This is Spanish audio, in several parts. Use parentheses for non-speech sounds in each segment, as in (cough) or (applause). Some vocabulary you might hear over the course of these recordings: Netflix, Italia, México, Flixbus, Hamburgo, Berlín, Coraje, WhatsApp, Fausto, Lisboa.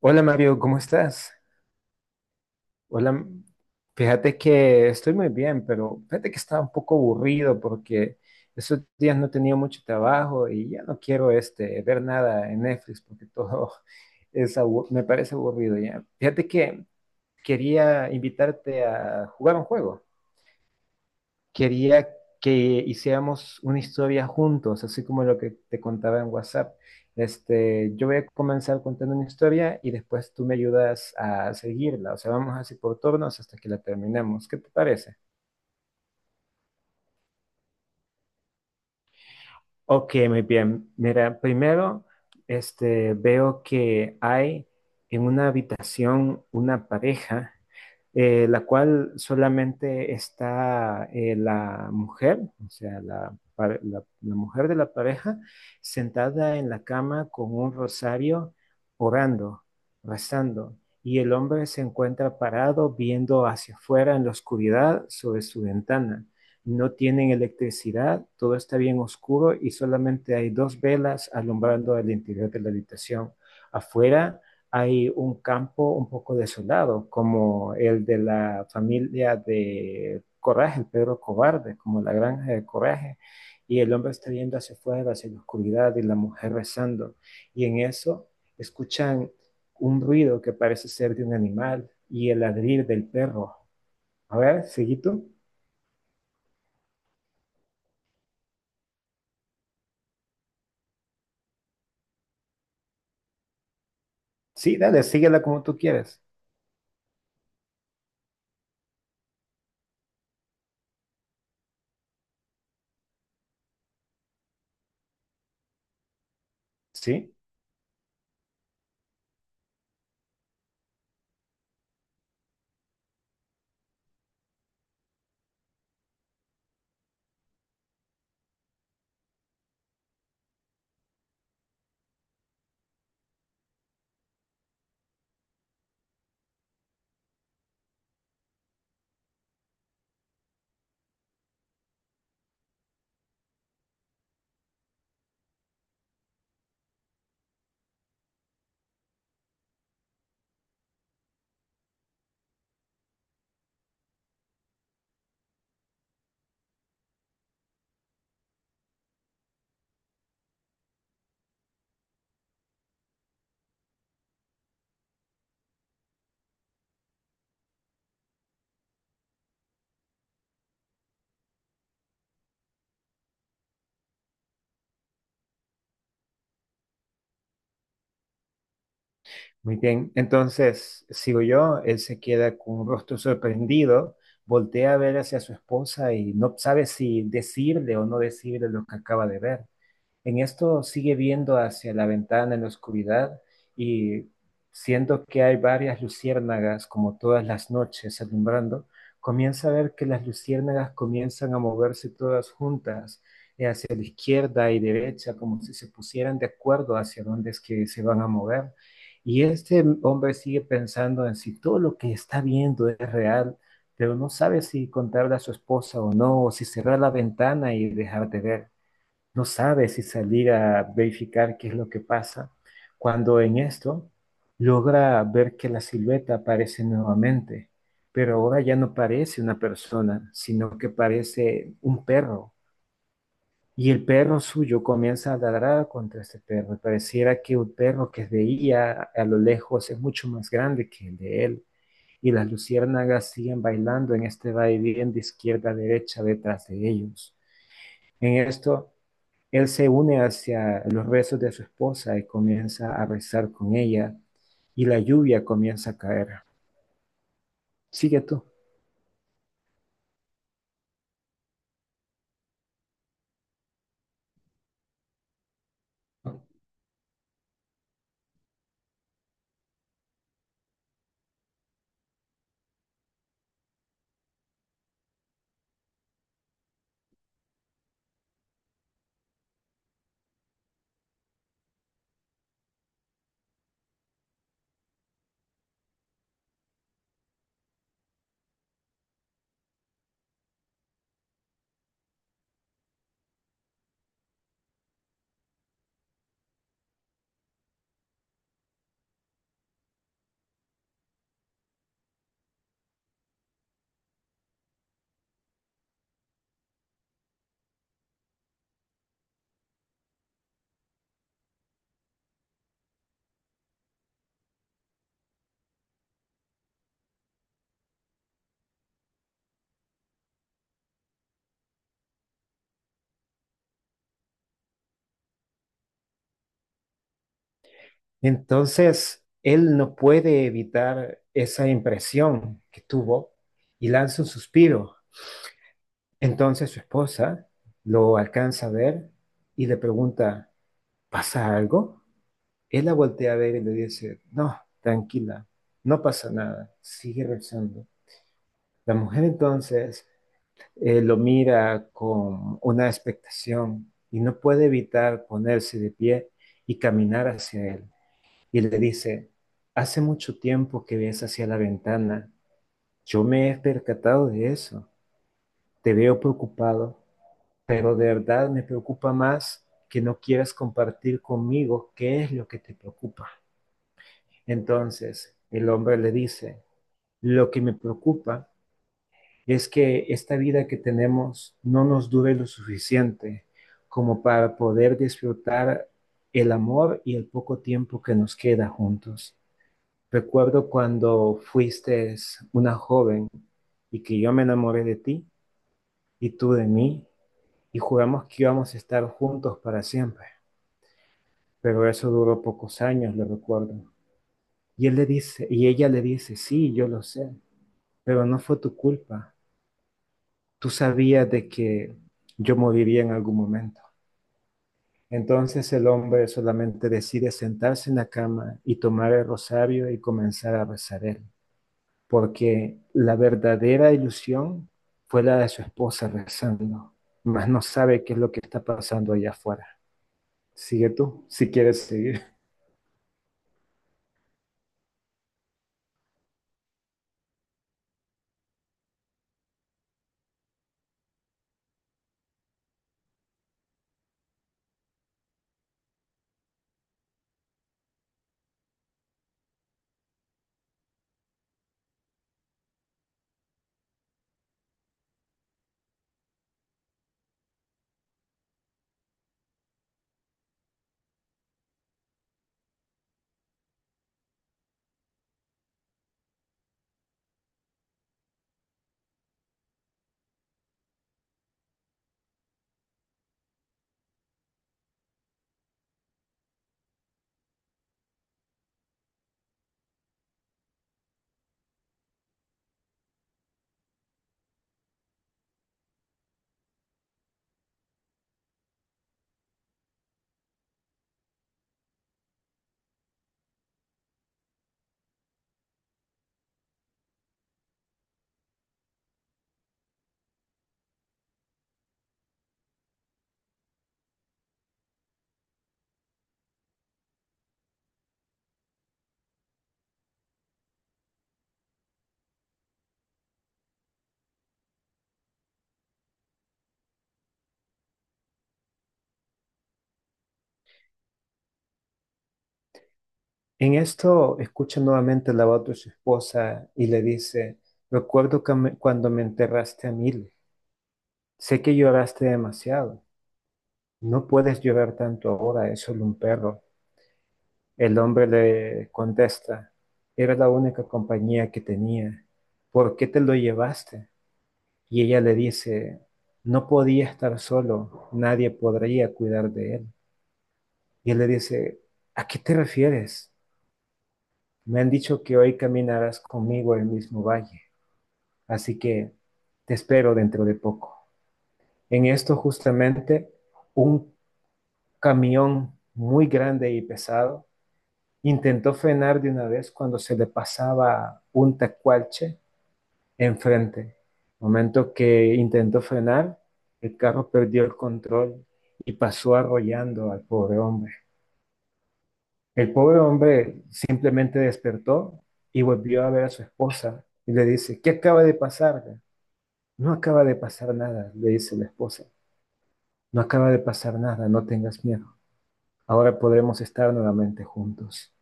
Hola Mario, ¿cómo estás? Hola, fíjate que estoy muy bien, pero fíjate que estaba un poco aburrido porque esos días no tenía mucho trabajo y ya no quiero ver nada en Netflix porque todo (laughs) me parece aburrido ya. Fíjate que quería invitarte a jugar un juego, quería que hiciéramos una historia juntos, así como lo que te contaba en WhatsApp. Yo voy a comenzar contando una historia y después tú me ayudas a seguirla. O sea, vamos así por turnos hasta que la terminemos. ¿Qué te parece? Ok, muy bien. Mira, primero, veo que hay en una habitación una pareja, la cual solamente está la mujer, o sea, la mujer de la pareja, sentada en la cama con un rosario, orando, rezando, y el hombre se encuentra parado viendo hacia afuera en la oscuridad sobre su ventana. No tienen electricidad, todo está bien oscuro y solamente hay dos velas alumbrando el interior de la habitación. Afuera hay un campo un poco desolado, como el de la familia de Coraje, el perro Cobarde, como la granja de Coraje, y el hombre está viendo hacia afuera, hacia la oscuridad, y la mujer rezando. Y en eso escuchan un ruido que parece ser de un animal y el ladrir del perro. A ver, seguí tú. Sí, dale, síguela como tú quieres. Sí, muy bien. Entonces, sigo yo. Él se queda con un rostro sorprendido, voltea a ver hacia su esposa y no sabe si decirle o no decirle lo que acaba de ver. En esto sigue viendo hacia la ventana en la oscuridad y, siendo que hay varias luciérnagas como todas las noches alumbrando, comienza a ver que las luciérnagas comienzan a moverse todas juntas, hacia la izquierda y derecha, como si se pusieran de acuerdo hacia dónde es que se van a mover. Y este hombre sigue pensando en si todo lo que está viendo es real, pero no sabe si contarle a su esposa o no, o si cerrar la ventana y dejar de ver. No sabe si salir a verificar qué es lo que pasa, cuando en esto logra ver que la silueta aparece nuevamente, pero ahora ya no parece una persona, sino que parece un perro. Y el perro suyo comienza a ladrar contra este perro. Y pareciera que un perro que veía a lo lejos es mucho más grande que el de él. Y las luciérnagas siguen bailando en este vaivén de izquierda a derecha detrás de ellos. En esto, él se une hacia los rezos de su esposa y comienza a rezar con ella, y la lluvia comienza a caer. Sigue tú. Entonces, él no puede evitar esa impresión que tuvo y lanza un suspiro. Entonces su esposa lo alcanza a ver y le pregunta, ¿pasa algo? Él la voltea a ver y le dice, no, tranquila, no pasa nada, sigue rezando. La mujer entonces lo mira con una expectación y no puede evitar ponerse de pie y caminar hacia él. Y le dice, hace mucho tiempo que ves hacia la ventana, yo me he percatado de eso, te veo preocupado, pero de verdad me preocupa más que no quieras compartir conmigo qué es lo que te preocupa. Entonces el hombre le dice, lo que me preocupa es que esta vida que tenemos no nos dure lo suficiente como para poder disfrutar el amor y el poco tiempo que nos queda juntos. Recuerdo cuando fuiste una joven y que yo me enamoré de ti y tú de mí y juramos que íbamos a estar juntos para siempre, pero eso duró pocos años, lo recuerdo. Y él le dice, y ella le dice, "Sí, yo lo sé, pero no fue tu culpa. Tú sabías de que yo moriría en algún momento." Entonces el hombre solamente decide sentarse en la cama y tomar el rosario y comenzar a rezar él, porque la verdadera ilusión fue la de su esposa rezando, mas no sabe qué es lo que está pasando allá afuera. Sigue tú, si quieres seguir. En esto escucha nuevamente la voz de su esposa y le dice, recuerdo que cuando me enterraste a mil, sé que lloraste demasiado. No puedes llorar tanto ahora, es solo un perro. El hombre le contesta, era la única compañía que tenía. ¿Por qué te lo llevaste? Y ella le dice, no podía estar solo, nadie podría cuidar de él. Y él le dice, ¿a qué te refieres? Me han dicho que hoy caminarás conmigo el mismo valle, así que te espero dentro de poco. En esto justamente un camión muy grande y pesado intentó frenar de una vez cuando se le pasaba un tacualche enfrente. Momento que intentó frenar, el carro perdió el control y pasó arrollando al pobre hombre. El pobre hombre simplemente despertó y volvió a ver a su esposa y le dice, ¿qué acaba de pasar? No acaba de pasar nada, le dice la esposa. No acaba de pasar nada, no tengas miedo. Ahora podremos estar nuevamente juntos.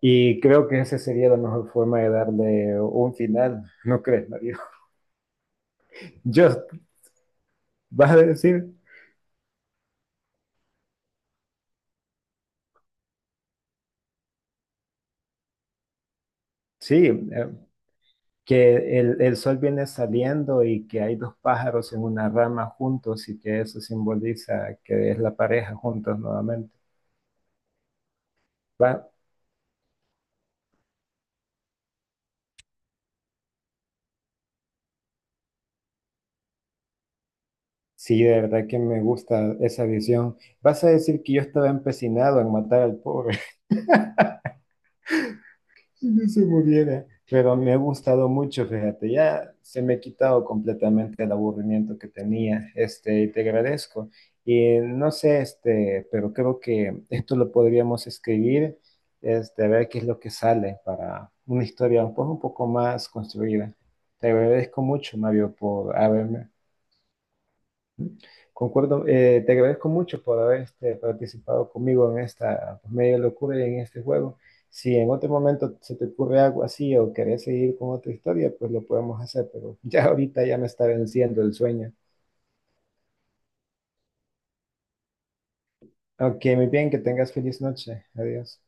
Y creo que esa sería la mejor forma de darle un final, ¿no crees, Mario? (laughs) Just, vas a decir, sí, eh, que el sol viene saliendo y que hay dos pájaros en una rama juntos y que eso simboliza que es la pareja juntos nuevamente. Va, sí, de verdad que me gusta esa visión. Vas a decir que yo estaba empecinado en matar al pobre. Si se muriera. Pero me ha gustado mucho, fíjate, ya se me ha quitado completamente el aburrimiento que tenía, y te agradezco. Y no sé, pero creo que esto lo podríamos escribir, a ver qué es lo que sale para una historia un poco más construida. Te agradezco mucho, Mario, por haberme. Concuerdo, te agradezco mucho por haber participado conmigo en esta, pues, media locura y en este juego. Si en otro momento se te ocurre algo así o querés seguir con otra historia, pues lo podemos hacer, pero (laughs) ya ahorita ya me está venciendo el sueño. Ok, muy bien, que tengas feliz noche. Adiós.